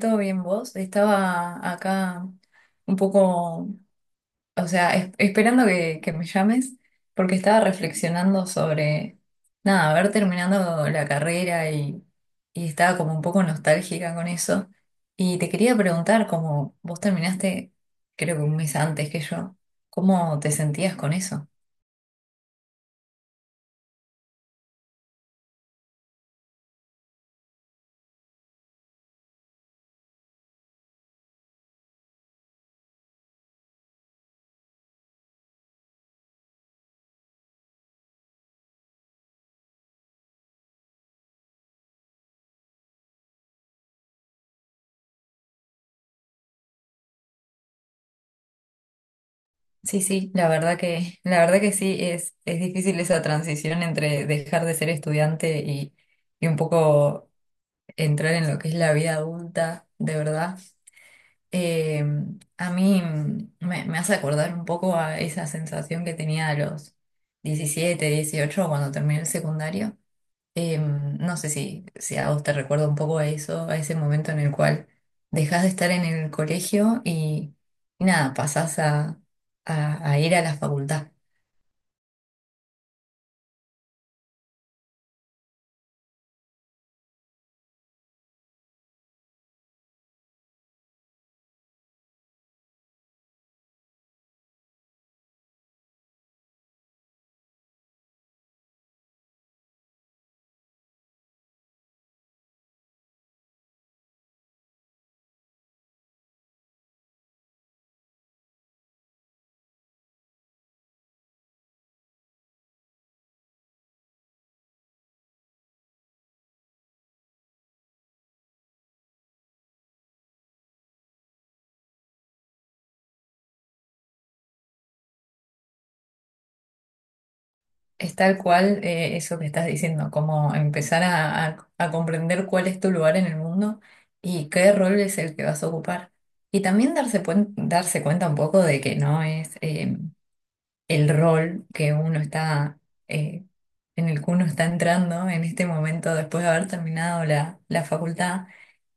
¿Todo bien vos? Estaba acá un poco, o sea, esperando que me llames porque estaba reflexionando sobre, nada, haber terminado la carrera y estaba como un poco nostálgica con eso. Y te quería preguntar, como vos terminaste, creo que un mes antes que yo, ¿cómo te sentías con eso? Sí, sí, la verdad que sí, es difícil esa transición entre dejar de ser estudiante y un poco entrar en lo que es la vida adulta, de verdad, eh, a mí me hace acordar un poco a esa sensación que tenía a los 17, 18 cuando terminé el secundario. No sé si, si a vos te recuerda un poco a eso, a ese momento en el cual dejás de estar en el colegio y nada, pasás a, a ir a la facultad. Es tal cual eso que estás diciendo, como empezar a, a comprender cuál es tu lugar en el mundo y qué rol es el que vas a ocupar. Y también darse, darse cuenta un poco de que no es el rol que uno está, eh, en el que uno está entrando en este momento después de haber terminado la, la facultad,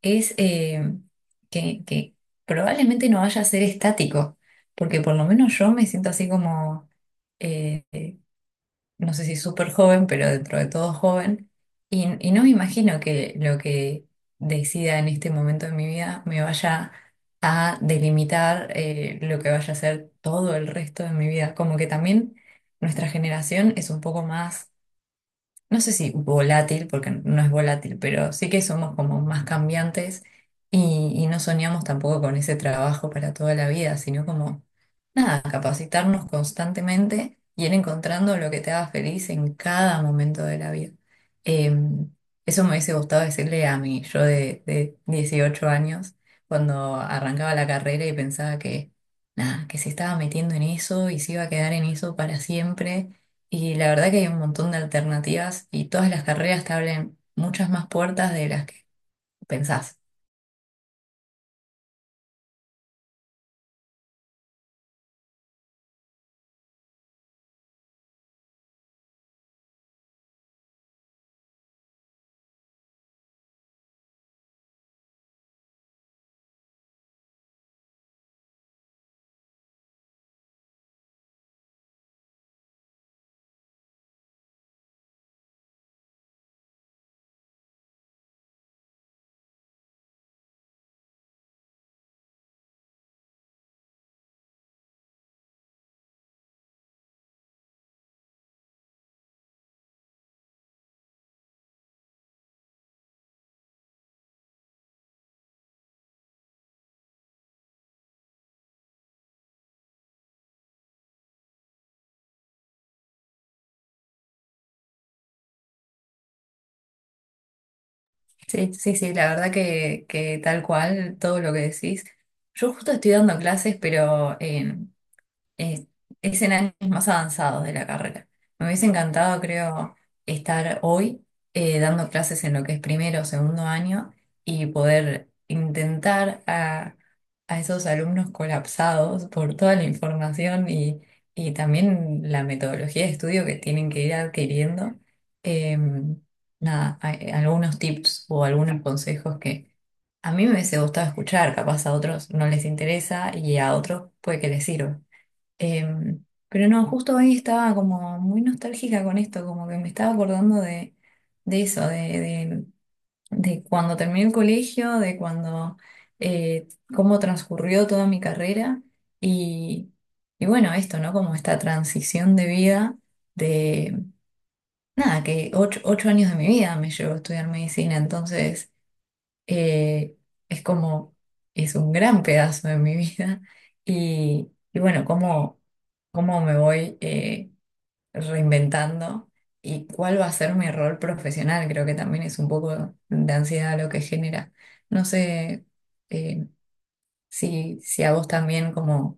es que probablemente no vaya a ser estático, porque por lo menos yo me siento así como... eh, no sé si súper joven, pero dentro de todo joven, y no me imagino que lo que decida en este momento de mi vida me vaya a delimitar lo que vaya a ser todo el resto de mi vida. Como que también nuestra generación es un poco más no sé si volátil, porque no es volátil, pero sí que somos como más cambiantes y no soñamos tampoco con ese trabajo para toda la vida, sino como, nada, capacitarnos constantemente y ir encontrando lo que te haga feliz en cada momento de la vida. Eh, Eso me hubiese gustado decirle a mí, yo de 18 años, cuando arrancaba la carrera y pensaba que, nada, que se estaba metiendo en eso y se iba a quedar en eso para siempre y la verdad que hay un montón de alternativas y todas las carreras te abren muchas más puertas de las que pensás. Sí, sí, sí, la verdad que tal cual, todo lo que decís. Yo justo estoy dando clases, pero eh, es en años más avanzados de la carrera. Me hubiese encantado, creo, estar hoy dando clases en lo que es primero o segundo año y poder intentar a esos alumnos colapsados por toda la información y también la metodología de estudio que tienen que ir adquiriendo. em, Nada, algunos tips o algunos consejos que... A mí me hubiese gustado escuchar, capaz a otros no les interesa y a otros puede que les sirva. Pero no, justo hoy estaba como muy nostálgica con esto, como que me estaba acordando de eso, de, de cuando terminé el colegio, de cuando, eh, cómo transcurrió toda mi carrera y, y bueno, esto, ¿no? Como esta transición de vida de, nada, que ocho años de mi vida me llevó a estudiar medicina, entonces eh, es como, es un gran pedazo de mi vida. Y bueno, cómo, cómo me voy reinventando y cuál va a ser mi rol profesional, creo que también es un poco de ansiedad lo que genera. No sé eh, si, si a vos también como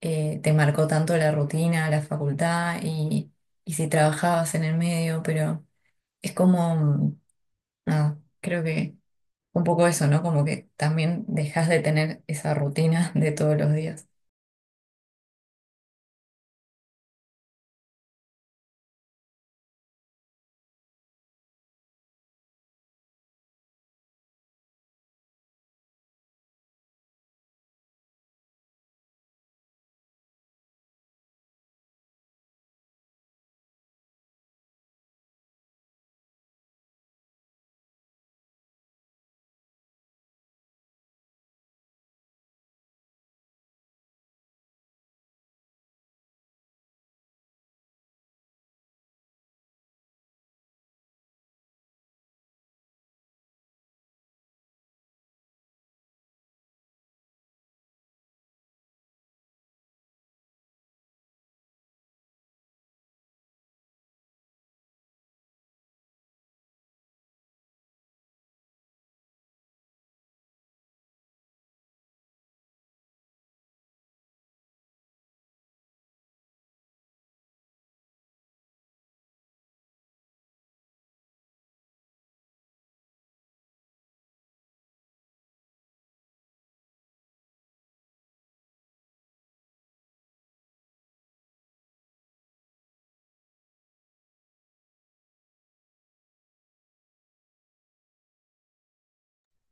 te marcó tanto la rutina, la facultad y si trabajabas en el medio, pero es como, nada, creo que un poco eso, ¿no? Como que también dejas de tener esa rutina de todos los días.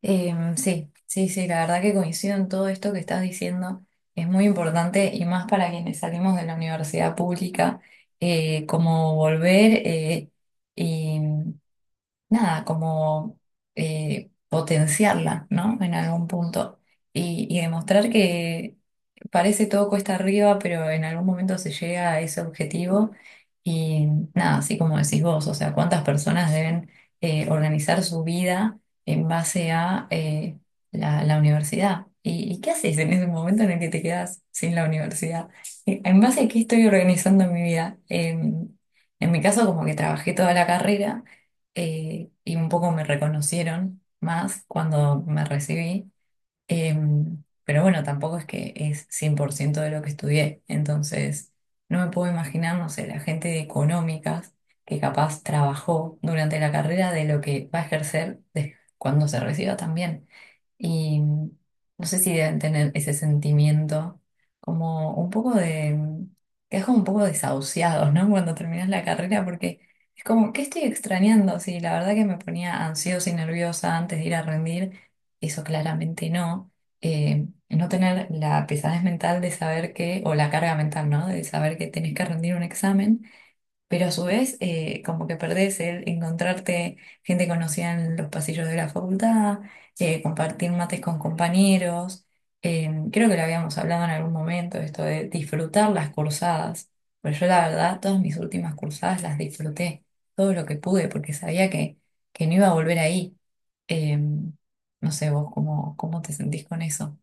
Sí, sí, sí, la verdad que coincido en todo esto que estás diciendo. Es muy importante y más para quienes salimos de la universidad pública, como volver y nada, como potenciarla, ¿no? En algún punto. Y demostrar que parece todo cuesta arriba, pero en algún momento se llega a ese objetivo. Y nada, así como decís vos, o sea, cuántas personas deben organizar su vida en base a la, la universidad. Y qué haces en ese momento en el que te quedas sin la universidad? En base a qué estoy organizando mi vida? En mi caso, como que trabajé toda la carrera y un poco me reconocieron más cuando me recibí. Pero bueno, tampoco es que es 100% de lo que estudié. Entonces, no me puedo imaginar, no sé, la gente de económicas que capaz trabajó durante la carrera de lo que va a ejercer cuando se reciba también. Y no sé si deben tener ese sentimiento como un poco de... que es como un poco desahuciados, ¿no? Cuando terminas la carrera, porque es como, ¿qué estoy extrañando? Sí, la verdad que me ponía ansiosa y nerviosa antes de ir a rendir eso claramente no. No tener la pesadez mental de saber que, o la carga mental, ¿no? De saber que tenés que rendir un examen pero a su vez como que perdés el encontrarte gente conocida en los pasillos de la facultad, compartir mates con compañeros. Creo que lo habíamos hablado en algún momento, esto de disfrutar las cursadas, pero yo la verdad todas mis últimas cursadas las disfruté todo lo que pude porque sabía que no iba a volver ahí. Eh, no sé vos cómo, cómo te sentís con eso.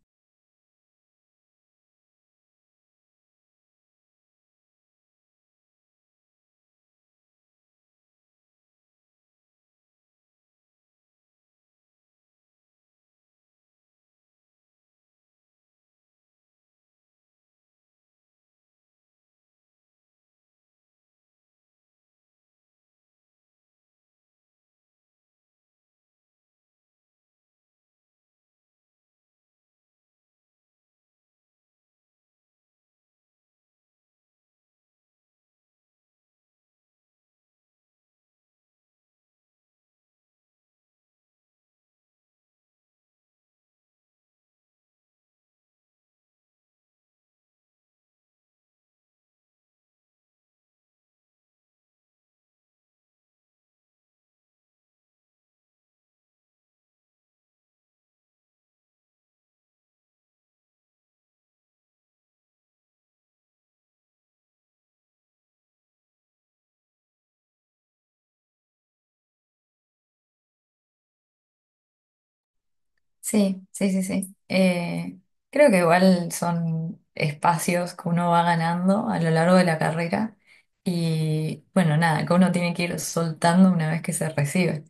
Sí, sí, sí, sí. Creo que igual son espacios que uno va ganando a lo largo de la carrera y bueno, nada, que uno tiene que ir soltando una vez que se recibe.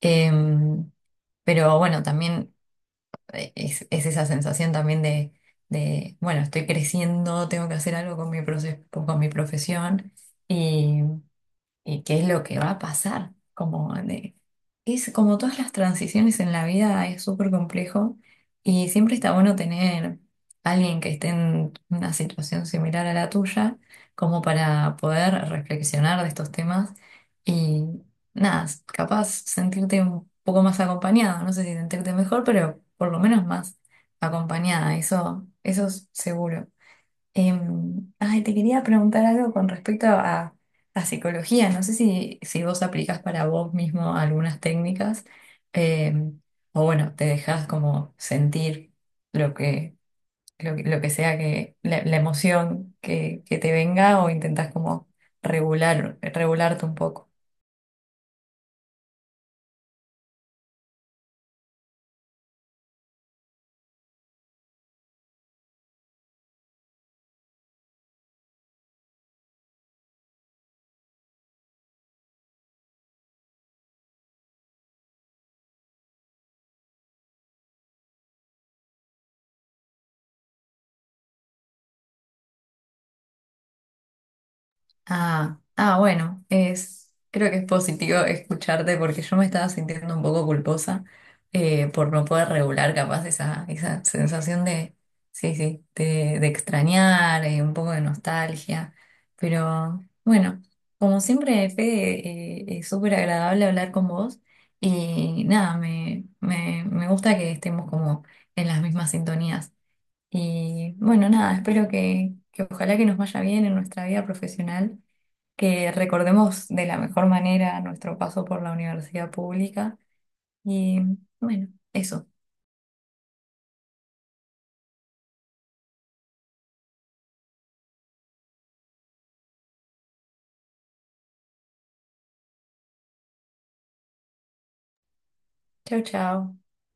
Em, pero bueno, también es esa sensación también de, bueno, estoy creciendo, tengo que hacer algo con mi con mi profesión y qué es lo que va a pasar. Como, de- es, como todas las transiciones en la vida es súper complejo y siempre está bueno tener alguien que esté en una situación similar a la tuya, como para poder reflexionar de estos temas y nada, capaz sentirte un poco más acompañado, no sé si sentirte mejor, pero por lo menos más acompañada, eso es seguro. Ay, te quería preguntar algo con respecto a psicología. No sé si, si vos aplicás para vos mismo algunas técnicas em, o bueno, te dejás como sentir lo que, lo, que lo que sea que la emoción que te venga o intentás como regularte un poco. Ah, ah, bueno, es, creo que es positivo escucharte porque yo me estaba sintiendo un poco culposa por no poder regular capaz esa, esa sensación de, sí, sí, de extrañar, un poco de nostalgia. Pero bueno, como siempre, Fede, es súper agradable hablar con vos y nada, me gusta que estemos como en las mismas sintonías. Y bueno, nada, espero que ojalá que nos vaya bien en nuestra vida profesional que recordemos de la mejor manera nuestro paso por la universidad pública. Y bueno, eso. Chao, chao.